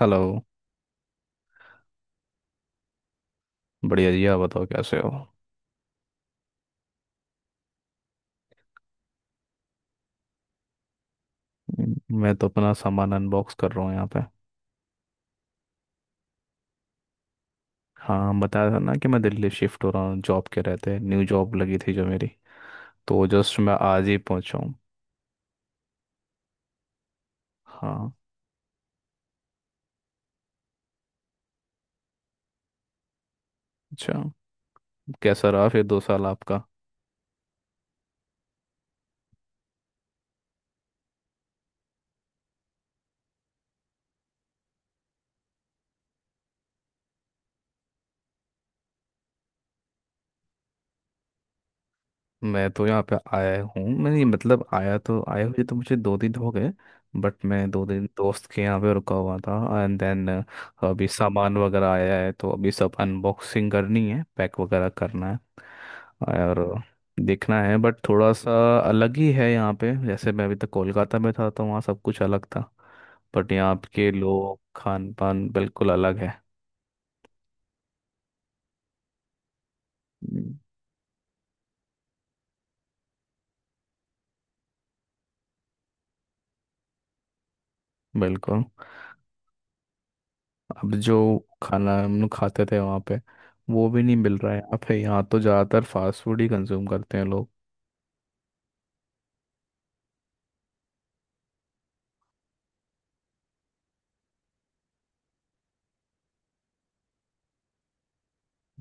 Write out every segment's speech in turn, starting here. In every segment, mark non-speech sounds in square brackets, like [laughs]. Hello. बढ़िया जी, आप बताओ कैसे हो। मैं तो अपना सामान अनबॉक्स कर रहा हूँ यहाँ पे। हाँ, बताया था ना कि मैं दिल्ली शिफ्ट हो रहा हूँ जॉब के रहते, न्यू जॉब लगी थी जो मेरी। तो जस्ट मैं आज ही पहुँचा हूँ। हाँ। अच्छा, कैसा रहा फिर 2 साल आपका। मैं तो यहाँ पे आया हूँ, मैं ये मतलब आया तो आया, हुए तो मुझे 2 दिन हो गए। बट मैं 2 दिन दोस्त के यहाँ पे रुका हुआ था एंड देन, अभी सामान वगैरह आया है तो अभी सब अनबॉक्सिंग करनी है, पैक वगैरह करना है और देखना है। बट थोड़ा सा अलग ही है यहाँ पे। जैसे मैं अभी तक कोलकाता में था तो वहाँ सब कुछ अलग था। बट यहाँ के लोग, खान पान बिल्कुल अलग है। हम्म। बिल्कुल। अब जो खाना हम लोग खाते थे वहाँ पे, वो भी नहीं मिल रहा है यहाँ पे। यहाँ तो ज़्यादातर फास्ट फूड ही कंज्यूम करते हैं लोग।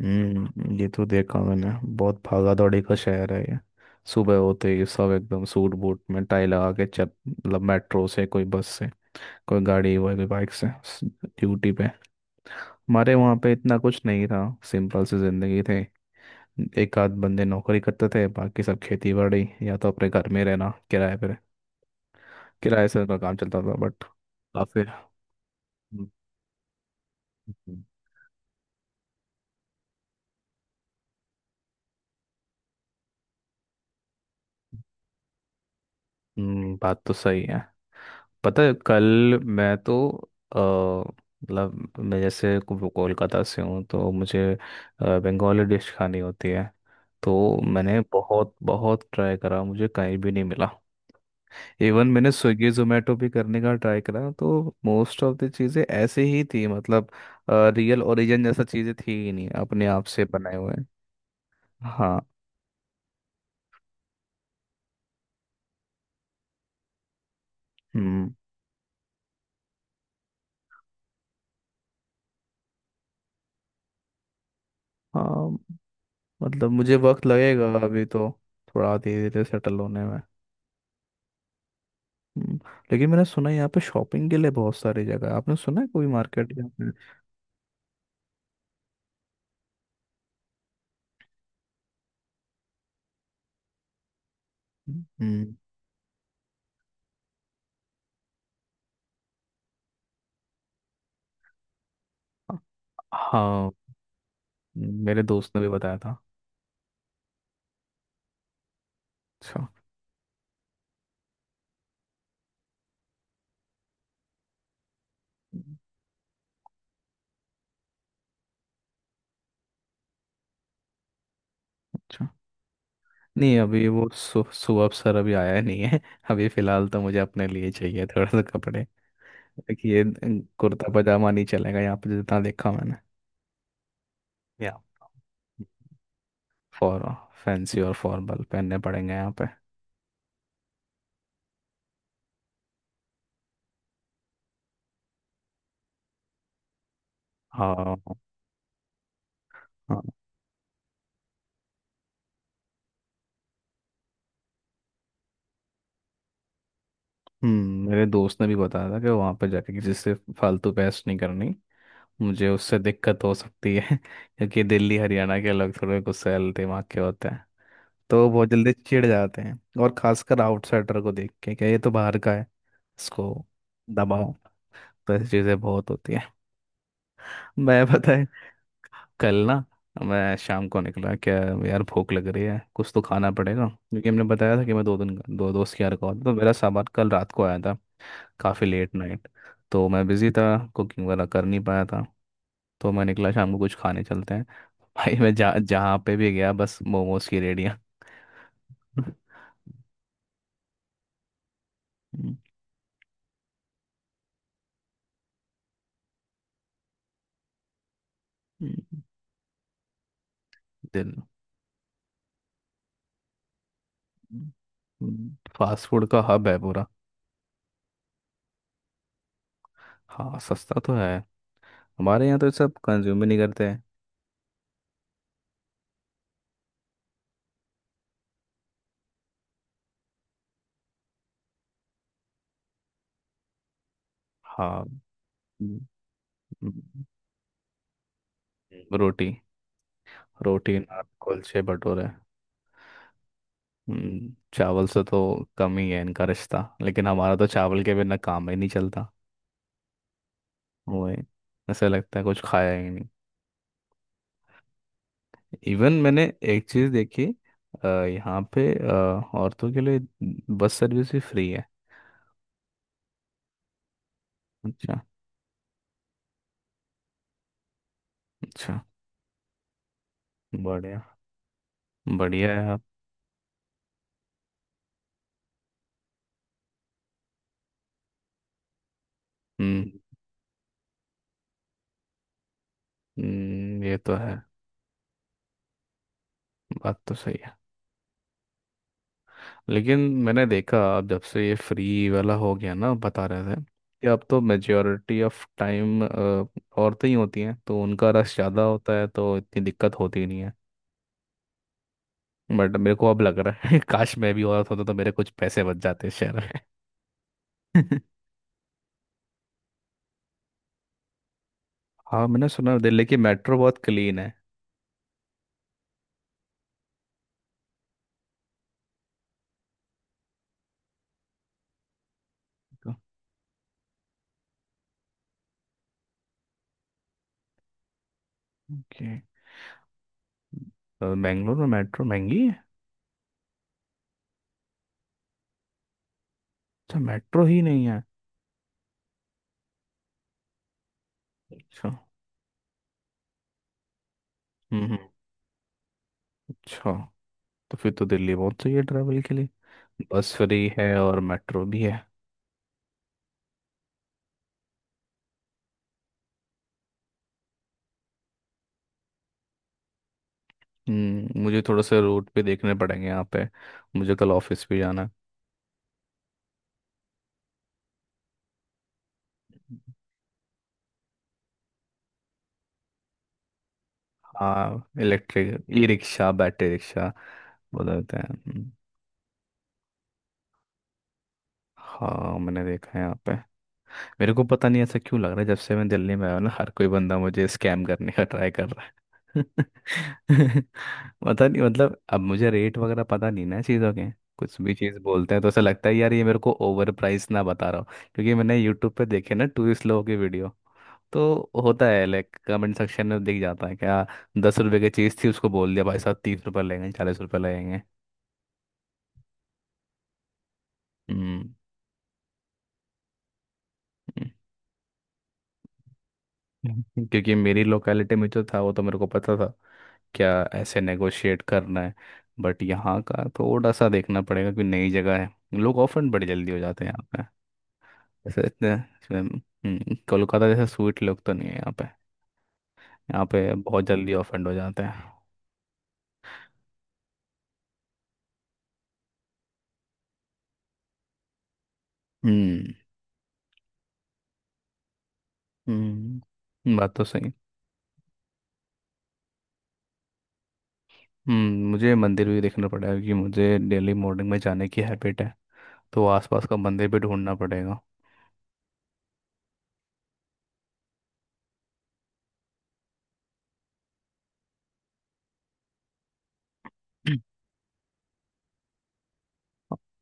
ये तो देखा मैंने। बहुत भागा दौड़ी का शहर है ये। सुबह होते ही सब एकदम सूट बूट में टाई लगा के चल, मतलब मेट्रो से कोई, बस से कोई गाड़ी हुआ, कोई बाइक से ड्यूटी पे। हमारे वहाँ पे इतना कुछ नहीं था। सिंपल सी जिंदगी थी। एक आध बंदे नौकरी करते थे, बाकी सब खेती बाड़ी या तो अपने घर में रहना किराए पर। किराए से उनका काम चलता था, बट काफी। हम्म। बात तो सही है। पता है कल मैं तो अ, मतलब मैं जैसे कोलकाता से हूँ तो मुझे बंगाली डिश खानी होती है। तो मैंने बहुत बहुत ट्राई करा, मुझे कहीं भी नहीं मिला। इवन मैंने स्विगी जोमेटो भी करने का ट्राई करा, तो मोस्ट ऑफ द चीज़ें ऐसे ही थी, मतलब रियल ओरिजिन जैसा चीज़ें थी ही नहीं, अपने आप से बनाए हुए। हाँ। हम्म। हाँ। मतलब मुझे वक्त लगेगा अभी तो, थोड़ा धीरे धीरे सेटल होने में। हम्म, लेकिन मैंने सुना है यहाँ पे शॉपिंग के लिए बहुत सारी जगह है। आपने सुना है कोई मार्केट यहाँ पे। हम्म। हाँ, मेरे दोस्त ने भी बताया था। अच्छा। अच्छा। नहीं अभी वो सुबह सर अभी आया नहीं है [laughs] अभी फिलहाल तो मुझे अपने लिए चाहिए थोड़ा सा कपड़े देखिए। कुर्ता पजामा नहीं चलेगा यहाँ पे जितना देखा मैंने। या फॉर, फैंसी और फॉर्मल पहनने पड़ेंगे यहाँ पे। हाँ। हाँ। मेरे दोस्त ने भी बताया था कि वहाँ पे जाके किसी से फालतू बहस नहीं करनी, मुझे उससे दिक्कत हो सकती है [laughs] क्योंकि दिल्ली हरियाणा के लोग थोड़े गुस्सैल दिमाग के होते हैं। तो वो बहुत जल्दी चिढ़ जाते हैं। और खासकर आउटसाइडर को देख के कि ये तो बाहर का है, इसको दबाओ। तो ऐसी चीज़ें बहुत होती हैं। [laughs] मैं पता है कल ना, मैं शाम को निकला, क्या यार भूख लग रही है, कुछ तो खाना पड़ेगा, क्योंकि हमने बताया था कि मैं दो दिन दो दोस्त के यहाँ रुका हुआ था तो मेरा सामान कल रात को आया था। काफ़ी लेट नाइट, तो मैं बिज़ी था, कुकिंग वगैरह कर नहीं पाया था। तो मैं निकला शाम को कुछ खाने, चलते हैं। [laughs] भाई मैं जहाँ जहाँ पे भी गया, बस मोमोज की रेडियाँ। [laughs] हम्म, दिल फास्ट फूड का हब है पूरा। हाँ, सस्ता तो है। हमारे यहाँ तो ये सब कंज्यूम ही नहीं करते हैं। हाँ। हम्म। हम्म। रोटी, रोटी नान कुलचे भटूरे। चावल से तो कम ही है इनका रिश्ता, लेकिन हमारा तो चावल के बिना काम ही नहीं चलता। वही, ऐसा लगता है कुछ खाया ही नहीं। इवन मैंने एक चीज़ देखी। यहाँ पे औरतों के लिए बस सर्विस भी फ्री है। अच्छा। अच्छा। बढ़िया। बढ़िया है आप। हम्म। ये तो है। बात तो सही है। लेकिन मैंने देखा अब जब से ये फ्री वाला हो गया ना, बता रहे थे कि अब तो मेजोरिटी ऑफ टाइम औरतें ही होती हैं तो उनका रश ज़्यादा होता है, तो इतनी दिक्कत होती नहीं है। बट मेरे को अब लग रहा है [laughs] काश मैं भी औरत होता तो मेरे कुछ पैसे बच जाते शहर। हाँ, मैंने सुना है दिल्ली की मेट्रो बहुत क्लीन है। ओके। तो बेंगलोर में मेट्रो महंगी है। अच्छा, मेट्रो ही नहीं है। अच्छा। हम्म। हम्म। अच्छा। तो फिर तो दिल्ली बहुत सही है ट्रैवल के लिए। बस फ्री है और मेट्रो भी है। मुझे थोड़ा सा रूट भी देखने पड़ेंगे यहाँ पे। मुझे कल ऑफिस भी जाना है। हाँ, electric E rickshaw, battery rickshaw बोलते हैं। हम्म। हाँ, मैंने देखा है यहाँ पे। मेरे को पता नहीं ऐसा क्यों लग रहा है, जब से मैं दिल्ली में आया हूं ना, हर कोई बंदा मुझे स्कैम करने का ट्राई कर रहा है। [laughs] पता नहीं, मतलब अब मुझे रेट वगैरह पता नहीं ना चीज़ों के। कुछ भी चीज़ बोलते हैं तो ऐसा लगता है यार, ये मेरे को ओवर प्राइस ना बता रहा हो। क्योंकि मैंने यूट्यूब पे देखे ना टूरिस्ट लोगों के वीडियो, तो होता है लाइक, कमेंट सेक्शन में दिख जाता है क्या, 10 रुपए की चीज़ थी उसको बोल दिया भाई साहब 30 रुपये लगेंगे, 40 रुपये लगेंगे। हम्म। हम्म। [laughs] क्योंकि मेरी लोकेलिटी में जो था वो तो मेरे को पता था क्या, ऐसे नेगोशिएट करना है। बट यहाँ का थोड़ा सा देखना पड़ेगा कि नई जगह है। लोग ऑफर बड़े जल्दी हो जाते हैं यहाँ पे। जैसे इतने इसमें, कोलकाता जैसे स्वीट लोग तो नहीं है यहाँ पे। यहाँ पे बहुत जल्दी ऑफेंड हो जाते हैं। हम्म। हम्म। बात तो सही। मुझे मंदिर भी देखना पड़ेगा क्योंकि मुझे डेली मॉर्निंग में जाने की हैबिट है। तो आसपास का मंदिर भी ढूंढना पड़ेगा।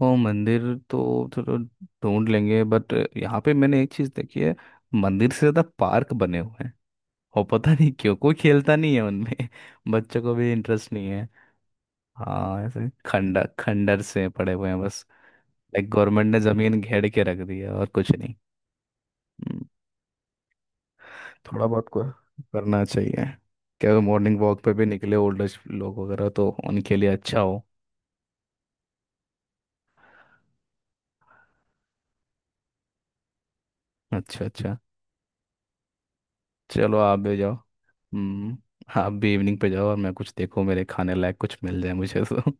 वो मंदिर तो चलो ढूंढ लेंगे, बट यहाँ पे मैंने एक चीज देखी है। मंदिर से ज्यादा पार्क बने हुए हैं, और पता नहीं क्यों कोई खेलता नहीं है उनमें। [laughs] बच्चों को भी इंटरेस्ट नहीं है। हाँ, ऐसे खंडर खंडर से पड़े हुए हैं बस। लाइक गवर्नमेंट ने जमीन घेर के रख दी है और कुछ नहीं। हम्म, थोड़ा बहुत को करना चाहिए। क्या मॉर्निंग वॉक पे भी निकले ओल्ड एज लोग वगैरह, तो उनके लिए अच्छा हो। अच्छा, अच्छा। चलो आप भी जाओ। हम्म। आप भी इवनिंग पे जाओ, और मैं कुछ देखो मेरे खाने लायक कुछ मिल जाए मुझे तो।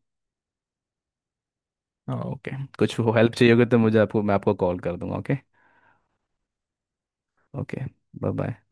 ओके। कुछ हेल्प चाहिए होगी तो मुझे आपको मैं आपको कॉल कर दूंगा, ओके। ओके। Bye bye.